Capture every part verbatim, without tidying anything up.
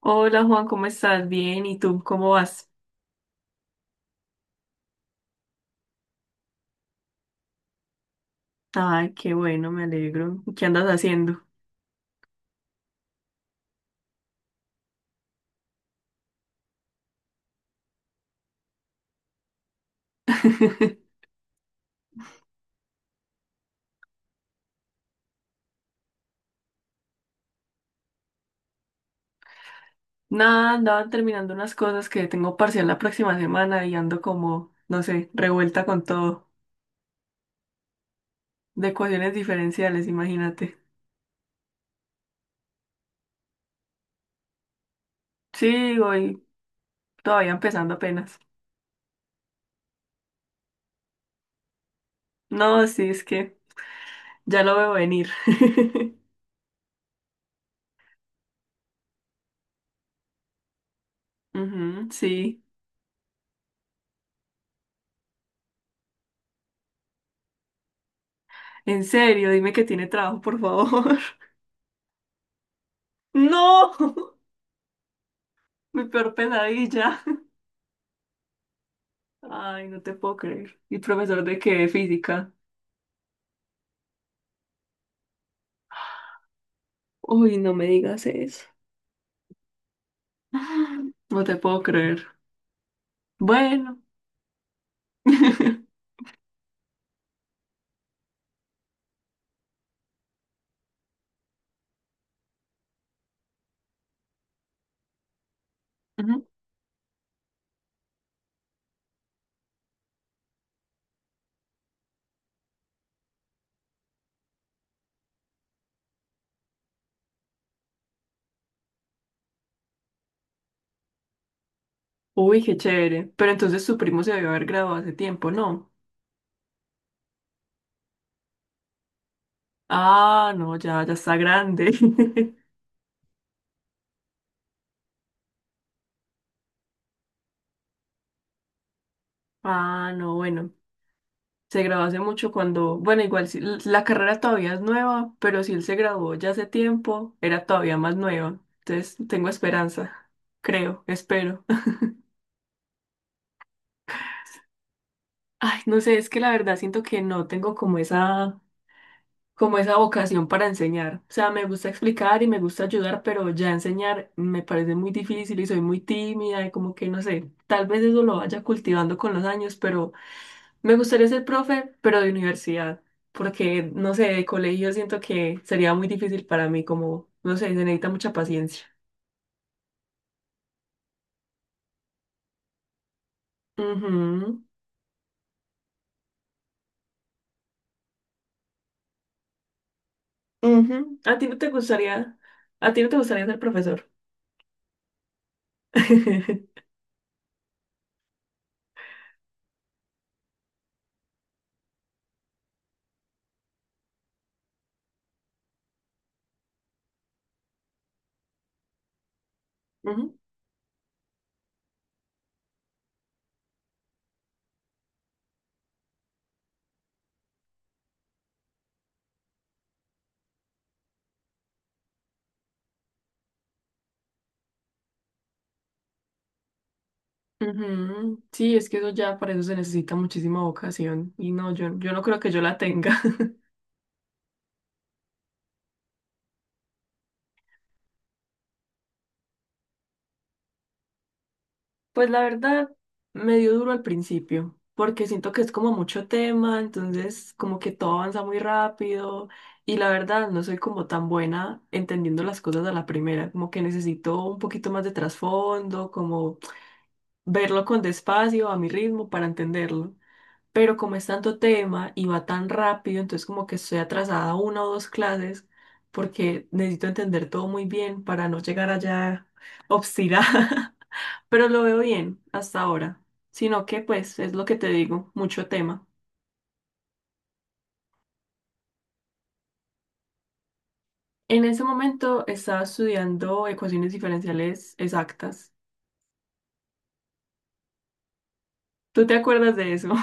Hola Juan, ¿cómo estás? Bien, ¿y tú cómo vas? Ay, qué bueno, me alegro. ¿Qué andas haciendo? Nada, andaba terminando unas cosas que tengo parcial la próxima semana y ando como, no sé, revuelta con todo, de ecuaciones diferenciales, imagínate. Sí, voy todavía empezando apenas. No, sí, es que ya lo veo venir. Ujú, sí, en serio, dime que tiene trabajo, por favor. No, mi peor pesadilla. Ay, no te puedo creer. ¿Y profesor de qué? ¿De física? Uy, no me digas eso. No te puedo creer. Bueno. Ujú. Uy, qué chévere. Pero entonces su primo se debió haber graduado hace tiempo, ¿no? Ah, no, ya, ya está grande. Ah, no, bueno. Se graduó hace mucho cuando, bueno, igual si- l- la carrera todavía es nueva, pero si él se graduó ya hace tiempo, era todavía más nueva. Entonces, tengo esperanza. Creo, espero. Ay, no sé, es que la verdad siento que no tengo como esa, como esa vocación para enseñar. O sea, me gusta explicar y me gusta ayudar, pero ya enseñar me parece muy difícil y soy muy tímida y como que no sé, tal vez eso lo vaya cultivando con los años, pero me gustaría ser profe, pero de universidad, porque no sé, de colegio siento que sería muy difícil para mí, como, no sé, se necesita mucha paciencia. Ujú, ujú. ¿A ti no te gustaría, a ti no te gustaría ser profesor? Ujú. Ujú. Sí, es que eso ya para eso se necesita muchísima vocación y no, yo, yo no creo que yo la tenga. Pues la verdad, me dio duro al principio, porque siento que es como mucho tema, entonces como que todo avanza muy rápido y la verdad no soy como tan buena entendiendo las cosas a la primera, como que necesito un poquito más de trasfondo, como verlo con despacio, a mi ritmo, para entenderlo. Pero como es tanto tema y va tan rápido, entonces como que estoy atrasada una o dos clases porque necesito entender todo muy bien para no llegar allá obstinada, pero lo veo bien hasta ahora, sino que pues es lo que te digo, mucho tema. En ese momento estaba estudiando ecuaciones diferenciales exactas. ¿Tú te acuerdas de eso?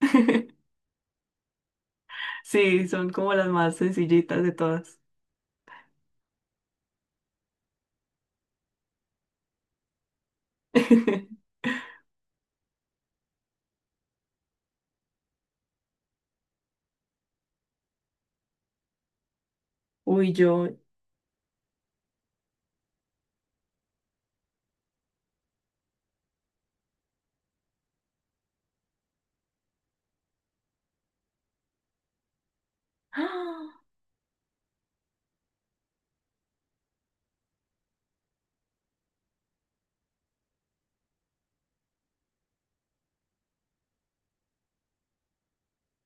Sí, son como las más sencillitas de todas. Uy, yo.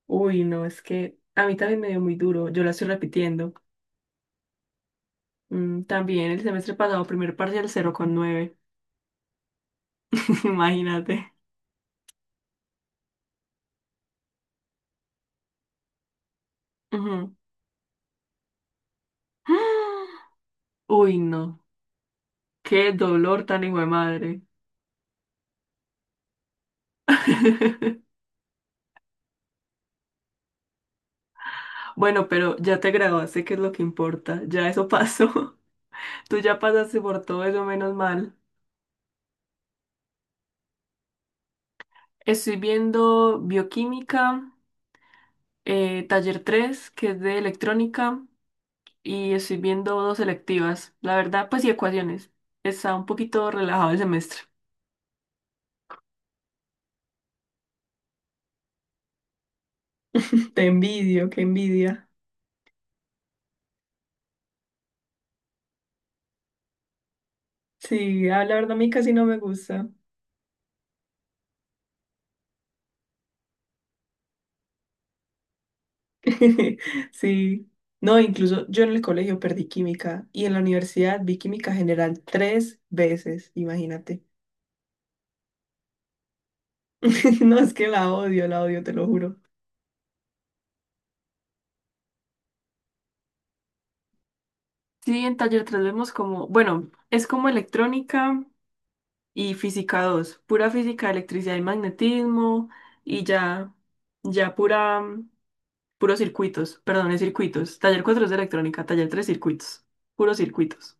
Uy, no, es que a mí también me dio muy duro, yo la estoy repitiendo. Mm, también el semestre pasado, primer parcial cero coma nueve. Imagínate. Ujú. Uy, no, qué dolor tan hijo de madre. Bueno, pero ya te graduaste, que es lo que importa, ya eso pasó. Tú ya pasaste por todo eso, menos mal. Estoy viendo bioquímica, eh, taller tres que es de electrónica. Y estoy viendo dos selectivas. La verdad, pues y ecuaciones. Está un poquito relajado el semestre. Te envidio, qué envidia. Sí, ah, la verdad a mí casi no me gusta. Sí. No, incluso yo en el colegio perdí química y en la universidad vi química general tres veces, imagínate. No, es que la odio, la odio, te lo juro. Sí, en taller tres vemos como, bueno, es como electrónica, y física dos pura física, electricidad y magnetismo, y ya, ya pura, mm, puros circuitos, perdón, es circuitos. Taller cuatro es de electrónica, taller tres circuitos, puros circuitos.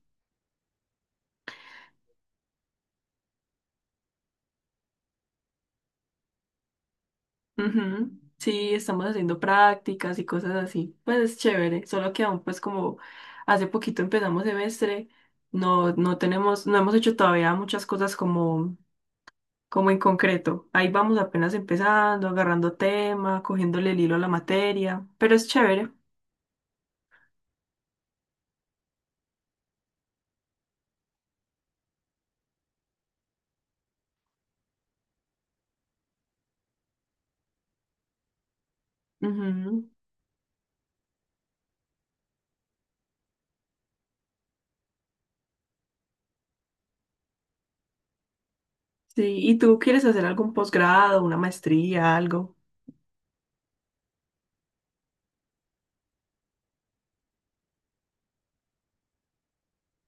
Ujú. Sí, estamos haciendo prácticas y cosas así. Pues es chévere, solo que aún pues como hace poquito empezamos semestre, no, no tenemos, no hemos hecho todavía muchas cosas como, como en concreto. Ahí vamos apenas empezando, agarrando tema, cogiéndole el hilo a la materia, pero es chévere. Ujú, sí, ¿y tú quieres hacer algún posgrado, una maestría, algo?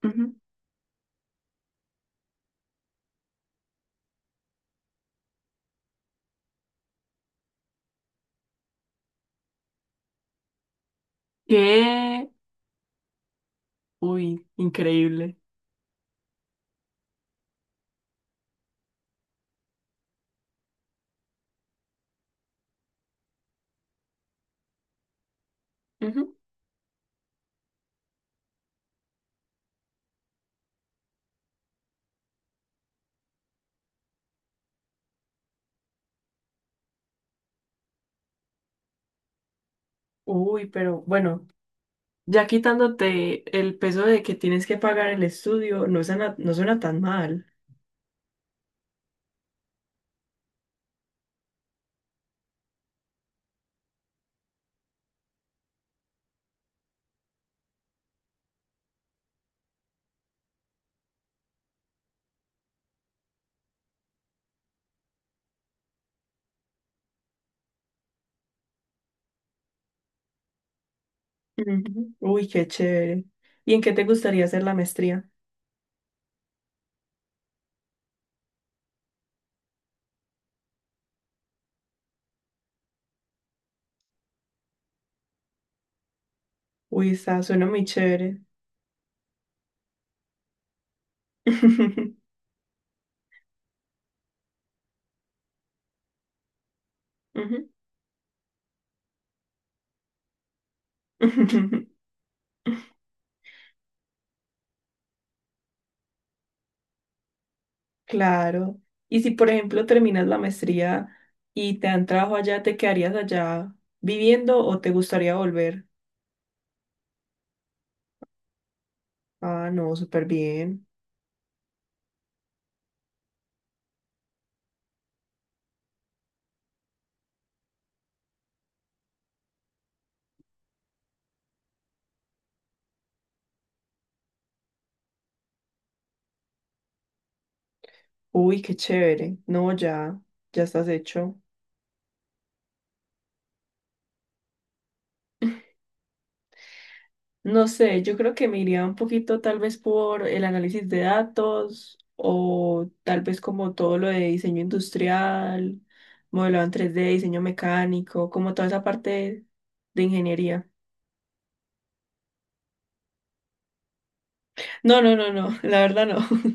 Ujú. ¿Qué? Uy, increíble. Ujú. Uy, pero bueno, ya quitándote el peso de que tienes que pagar el estudio, no suena, no suena tan mal. Ujú. Uy, qué chévere. ¿Y en qué te gustaría hacer la maestría? Uy, está, suena muy chévere. Ujú. Claro. Y si, por ejemplo, terminas la maestría y te dan trabajo allá, ¿te quedarías allá viviendo o te gustaría volver? Ah, no, súper bien. Uy, qué chévere. No, ya, ya estás hecho. No sé, yo creo que me iría un poquito tal vez por el análisis de datos o tal vez como todo lo de diseño industrial, modelado en tres d, diseño mecánico, como toda esa parte de ingeniería. No, no, no, no, la verdad no.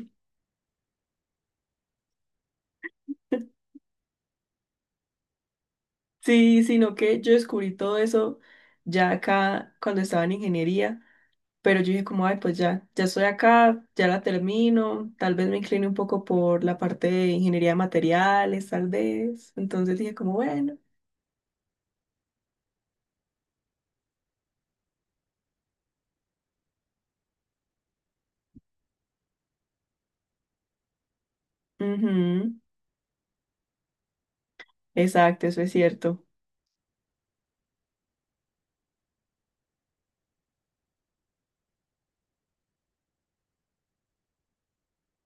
Sí, sino que yo descubrí todo eso ya acá cuando estaba en ingeniería, pero yo dije como, ay, pues ya, ya estoy acá, ya la termino, tal vez me incline un poco por la parte de ingeniería de materiales, tal vez. Entonces dije como, bueno, ujú, exacto, eso es cierto.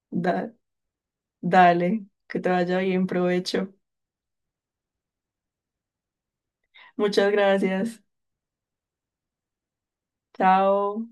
Da- Dale, que te vaya bien, provecho. Muchas gracias. Chao.